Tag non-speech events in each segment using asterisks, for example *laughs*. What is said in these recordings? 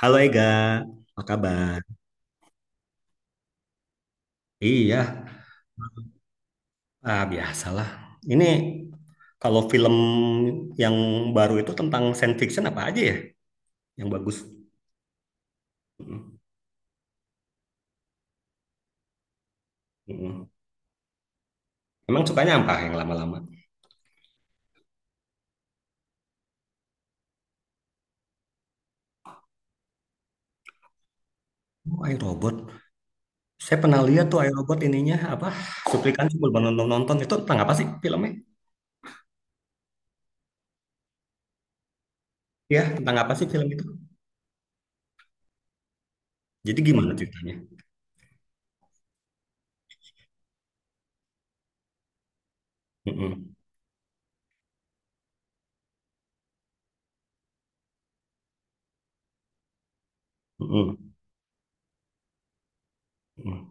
Halo Ega, apa kabar? Iya, ah, biasalah. Ini kalau film yang baru itu tentang science fiction apa aja ya yang bagus? Mm, mm. Emang sukanya apa yang lama-lama? Oh, iRobot. Saya pernah lihat tuh iRobot ininya apa? Cuplikan sebelum nonton-nonton itu tentang apa sih filmnya? Ya, tentang apa sih film itu? Jadi gimana ceritanya? Mm-mm. Mm-mm. Mm.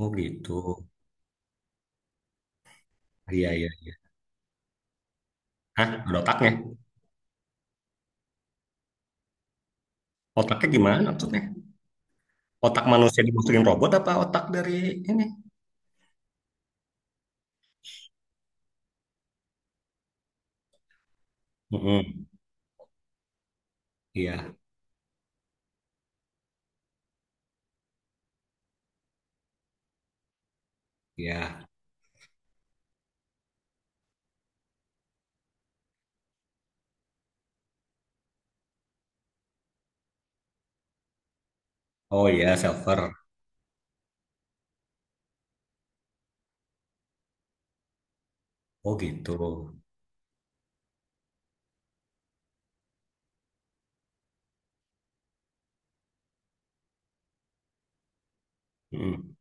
Oh gitu. Iya, iya, iya. Hah, ada otaknya? Otaknya gimana maksudnya? Otak manusia dimasukin robot apa otak dari ini? Mm-mm. Iya, iya. Oh iya, silver. Oh gitu. Mm-mm.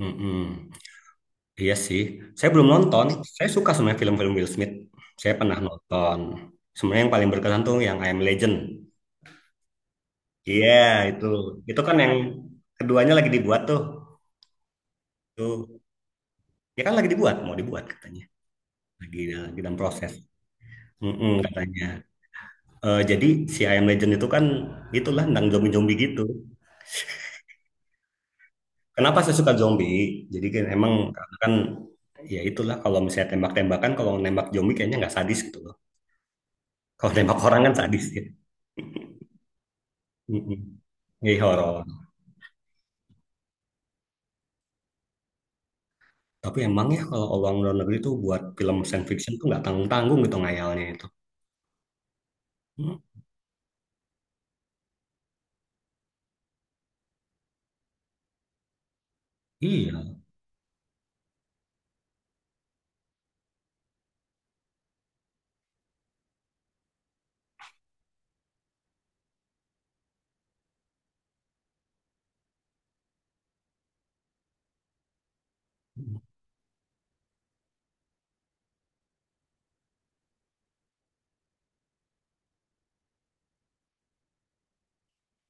Mm-mm. Iya sih. Saya belum nonton. Saya suka sebenarnya film-film Will Smith. Saya pernah nonton. Sebenarnya yang paling berkesan tuh yang I Am Legend. Iya, itu. Itu kan yang keduanya lagi dibuat tuh. Tuh. Ya kan lagi dibuat, mau dibuat katanya. Lagi, lagi dalam proses. Mm-mm, katanya. Eh, jadi si I Am Legend itu kan itulah tentang zombie-zombie gitu. Kenapa saya suka zombie? Jadi kan emang karena kan ya itulah kalau misalnya tembak-tembakan, kalau nembak zombie kayaknya nggak sadis gitu loh. *laughs* Kalau nembak orang kan sadis ya. Mm-mm. Jadi horor. Tapi emang ya kalau orang luar negeri itu buat film science fiction tuh nggak tanggung-tanggung gitu ngayalnya itu. Hmm, iya, hmm,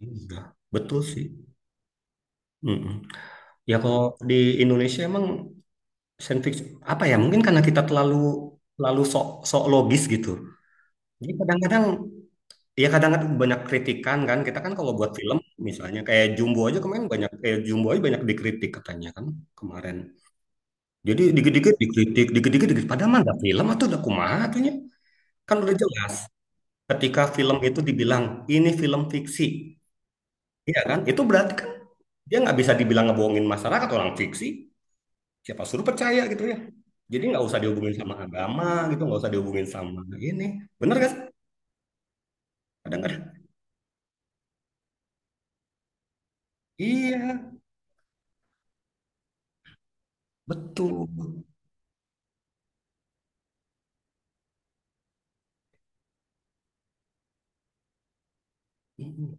iya, betul sih. Mm-mm. Ya kalau di Indonesia emang science fiction apa ya? Mungkin karena kita terlalu terlalu sok sok logis gitu. Jadi kadang-kadang iya kadang-kadang banyak kritikan kan. Kita kan kalau buat film misalnya kayak Jumbo aja kemarin banyak kayak Jumbo aja banyak dikritik katanya kan kemarin. Jadi dikit-dikit dikritik, dikit-dikit dikritik. Padahal mah nggak film atau udah kumaha atunya. Kan udah jelas. Ketika film itu dibilang ini film fiksi, iya kan? Itu berarti kan dia nggak bisa dibilang ngebohongin masyarakat orang fiksi. Siapa suruh percaya gitu ya? Jadi nggak usah dihubungin sama agama gitu, nggak usah dihubungin sama ini. Bener kan? Kadang-kadang. Iya, betul. Mm,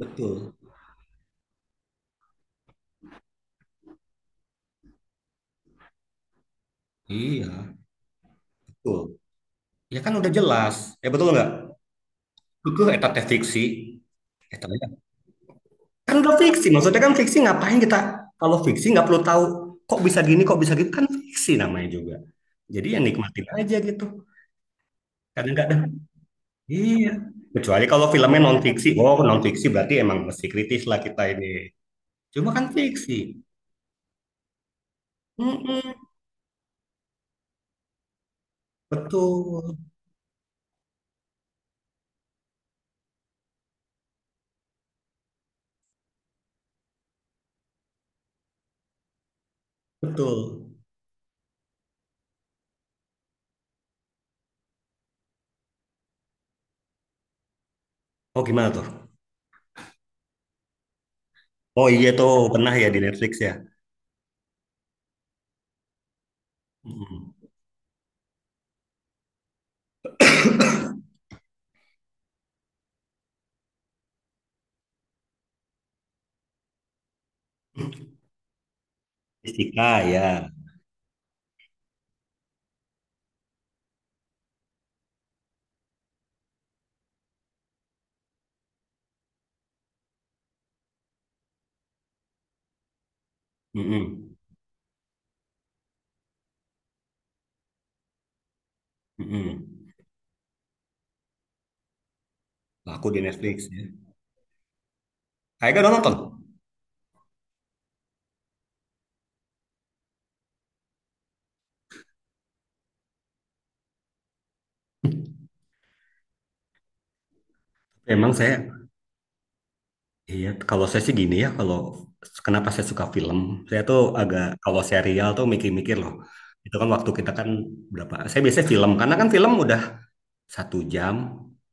betul. Iya, betul. Ya kan udah jelas. Ya betul nggak? Itu eta teh fiksi. Eta teh- kan udah fiksi. Maksudnya kan fiksi ngapain kita? Kalau fiksi nggak perlu tahu kok bisa gini, kok bisa gitu. Kan fiksi namanya juga. Jadi ya nikmatin aja gitu. Kadang nggak ada iya. Kecuali kalau filmnya non fiksi. Oh, non fiksi berarti emang mesti kritis lah kita ini. Cuma kan fiksi. Mm-mm. Betul, betul. Oh gimana tuh? Oh iya tuh pernah ya di Netflix ya. Mm-mm. Fisika ya. Mm-mm. Mm-mm. Laku di Netflix ya. Kayaknya udah nonton. Emang saya, iya, kalau saya sih gini ya, kalau kenapa saya suka film, saya tuh agak, kalau serial tuh mikir-mikir loh. Itu kan waktu kita kan berapa, saya biasanya film, karena kan film udah 1 jam,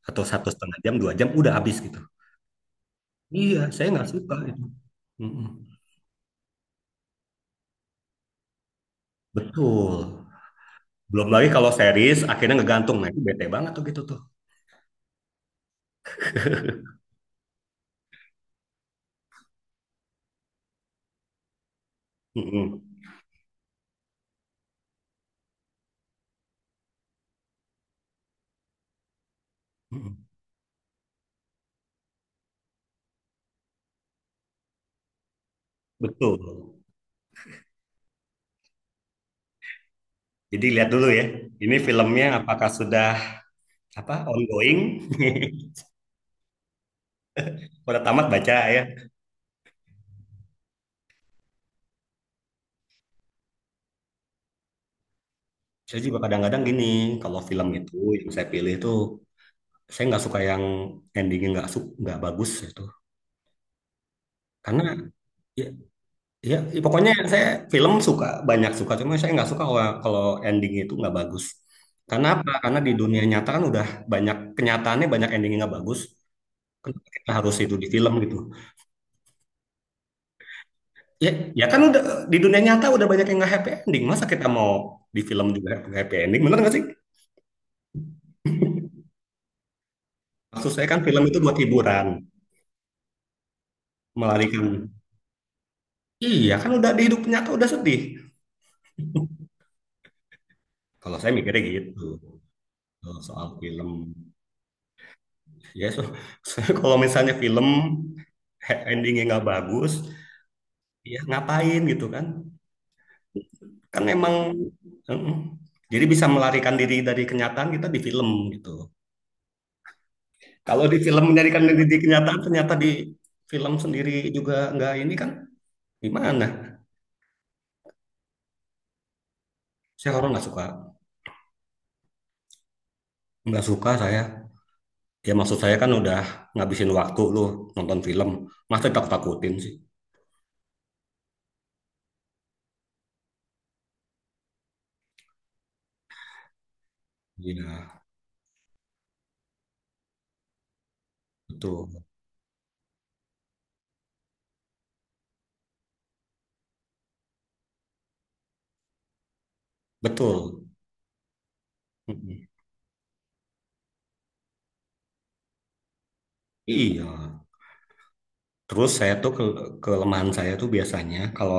atau 1,5 jam, 2 jam, udah habis gitu. Iya, saya nggak suka itu. Mm-mm. Betul. Belum lagi kalau series, akhirnya ngegantung, nah itu bete banget tuh gitu tuh. Mm-mm. Mm-mm. Betul. Jadi lihat dulu ya, ini filmnya apakah sudah apa ongoing. *laughs* Udah tamat baca ya. Saya juga kadang-kadang gini kalau film itu yang saya pilih itu saya nggak suka yang endingnya nggak su- nggak bagus itu karena ya, ya ya pokoknya saya film suka banyak suka cuma saya nggak suka kalau, kalau ending itu nggak bagus karena apa karena di dunia nyata kan udah banyak kenyataannya banyak endingnya nggak bagus. Kenapa kita harus itu di film gitu ya, ya kan udah di dunia nyata udah banyak yang nggak happy ending masa kita mau di film juga happy ending bener nggak sih? Maksud saya kan film itu buat hiburan, melarikan. Iya kan udah di hidup nyata udah sedih. Kalau saya mikirnya gitu kalau soal film. Ya so, *laughs* kalau misalnya film endingnya nggak bagus, ya ngapain gitu kan? Kan memang mm, jadi bisa melarikan diri dari kenyataan kita di film gitu. Kalau di film melarikan diri dari kenyataan ternyata di film sendiri juga nggak ini kan gimana? Saya horor nggak suka saya. Ya maksud saya kan udah ngabisin waktu lu nonton film. Masa takut-takutin sih? Iya, betul. Betul. Mm-mm. Iya. Terus saya tuh ke kelemahan saya tuh biasanya kalau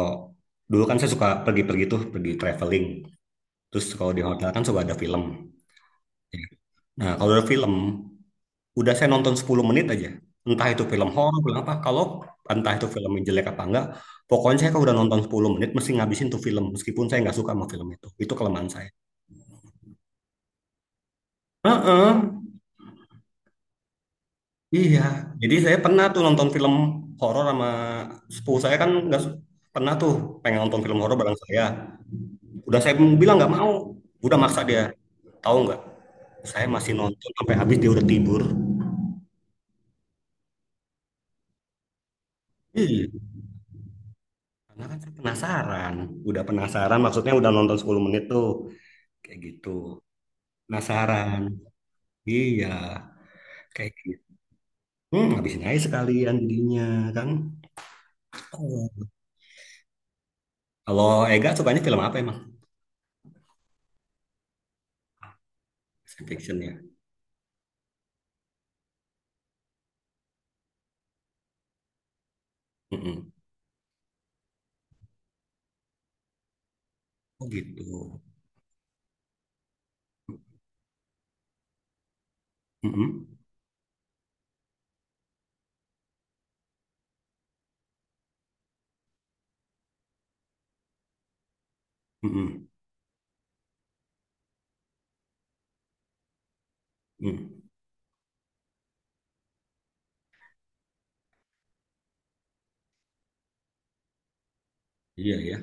dulu kan saya suka pergi-pergi tuh, pergi traveling. Terus kalau di hotel kan suka ada film. Iya. Nah, kalau ada film, udah saya nonton 10 menit aja. Entah itu film horor, film apa. Kalau entah itu filmnya jelek apa enggak, pokoknya saya kalau udah nonton 10 menit mesti ngabisin tuh film meskipun saya nggak suka sama film itu. Itu kelemahan saya. Heeh, iya, jadi saya pernah tuh nonton film horor sama sepupu saya kan nggak su- pernah tuh pengen nonton film horor bareng saya. Udah saya bilang nggak mau, udah maksa dia. Tahu nggak? Saya masih nonton sampai habis dia udah tidur. Iya, karena kan saya penasaran. Udah penasaran, maksudnya udah nonton 10 menit tuh. Kayak gitu. Penasaran. Iya, kayak gitu. Hmm, habisin aja sekalian jadinya kan. Oh. Kalau Ega sukanya film apa emang? Science Fiction ya. Mm-mm. Oh gitu. Mm-mm, mm-mm, mm. Iya ya,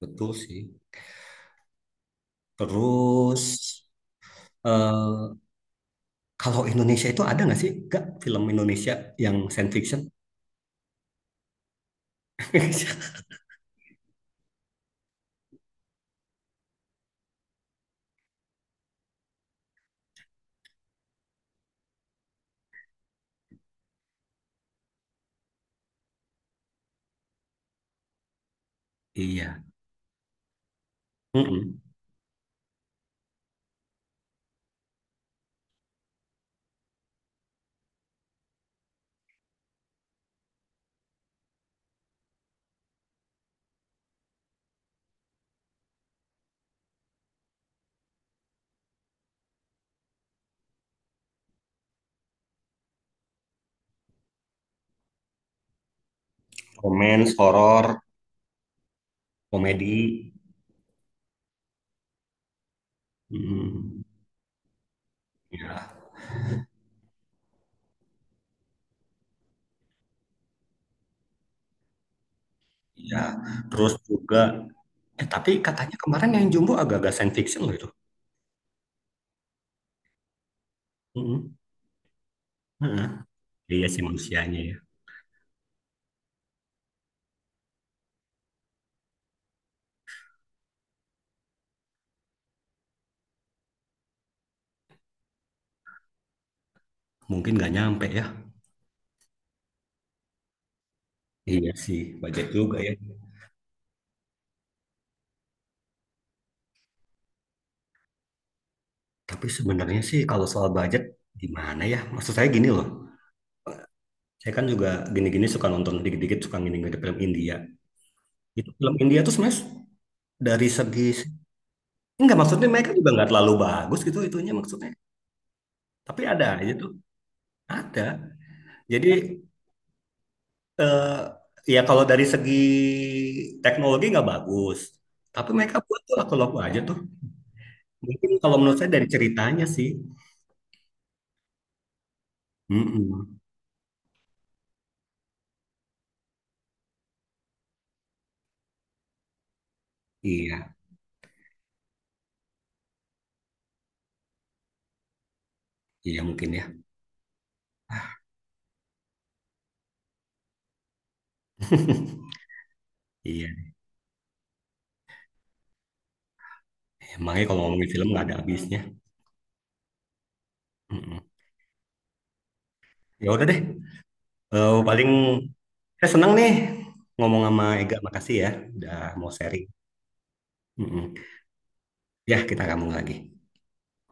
betul sih. Terus eh, kalau Indonesia itu ada nggak sih, nggak film Indonesia yang science fiction? *laughs* Iya. Mm-mm. Romance, horor, komedi. Mm. Iya, iya. Terus juga, eh tapi katanya kemarin yang Jumbo agak-agak science fiction loh itu. Mm-mm. Heeh. Iya sih manusianya ya. Mungkin nggak nyampe ya. Iya sih, budget juga ya. Tapi sebenarnya sih kalau soal budget gimana ya? Maksud saya gini loh. Saya kan juga gini-gini suka nonton dikit-dikit suka gini-gini film India. Itu film India tuh sebenarnya dari segi enggak maksudnya mereka juga nggak terlalu bagus gitu itunya maksudnya. Tapi ada aja tuh. Ada. Jadi eh, ya kalau dari segi teknologi nggak bagus. Tapi mereka buat tuh laku-laku aja tuh. Mungkin kalau menurut saya dari ceritanya sih. Mm-mm. Iya, iya mungkin ya. *laughs* Iya, emangnya kalau ngomongin film nggak ada habisnya. Mm-mm. Ya udah deh. Eh, paling saya senang nih ngomong sama Ega. Makasih ya udah mau sharing. Mm-mm. Ya, kita ngomong lagi.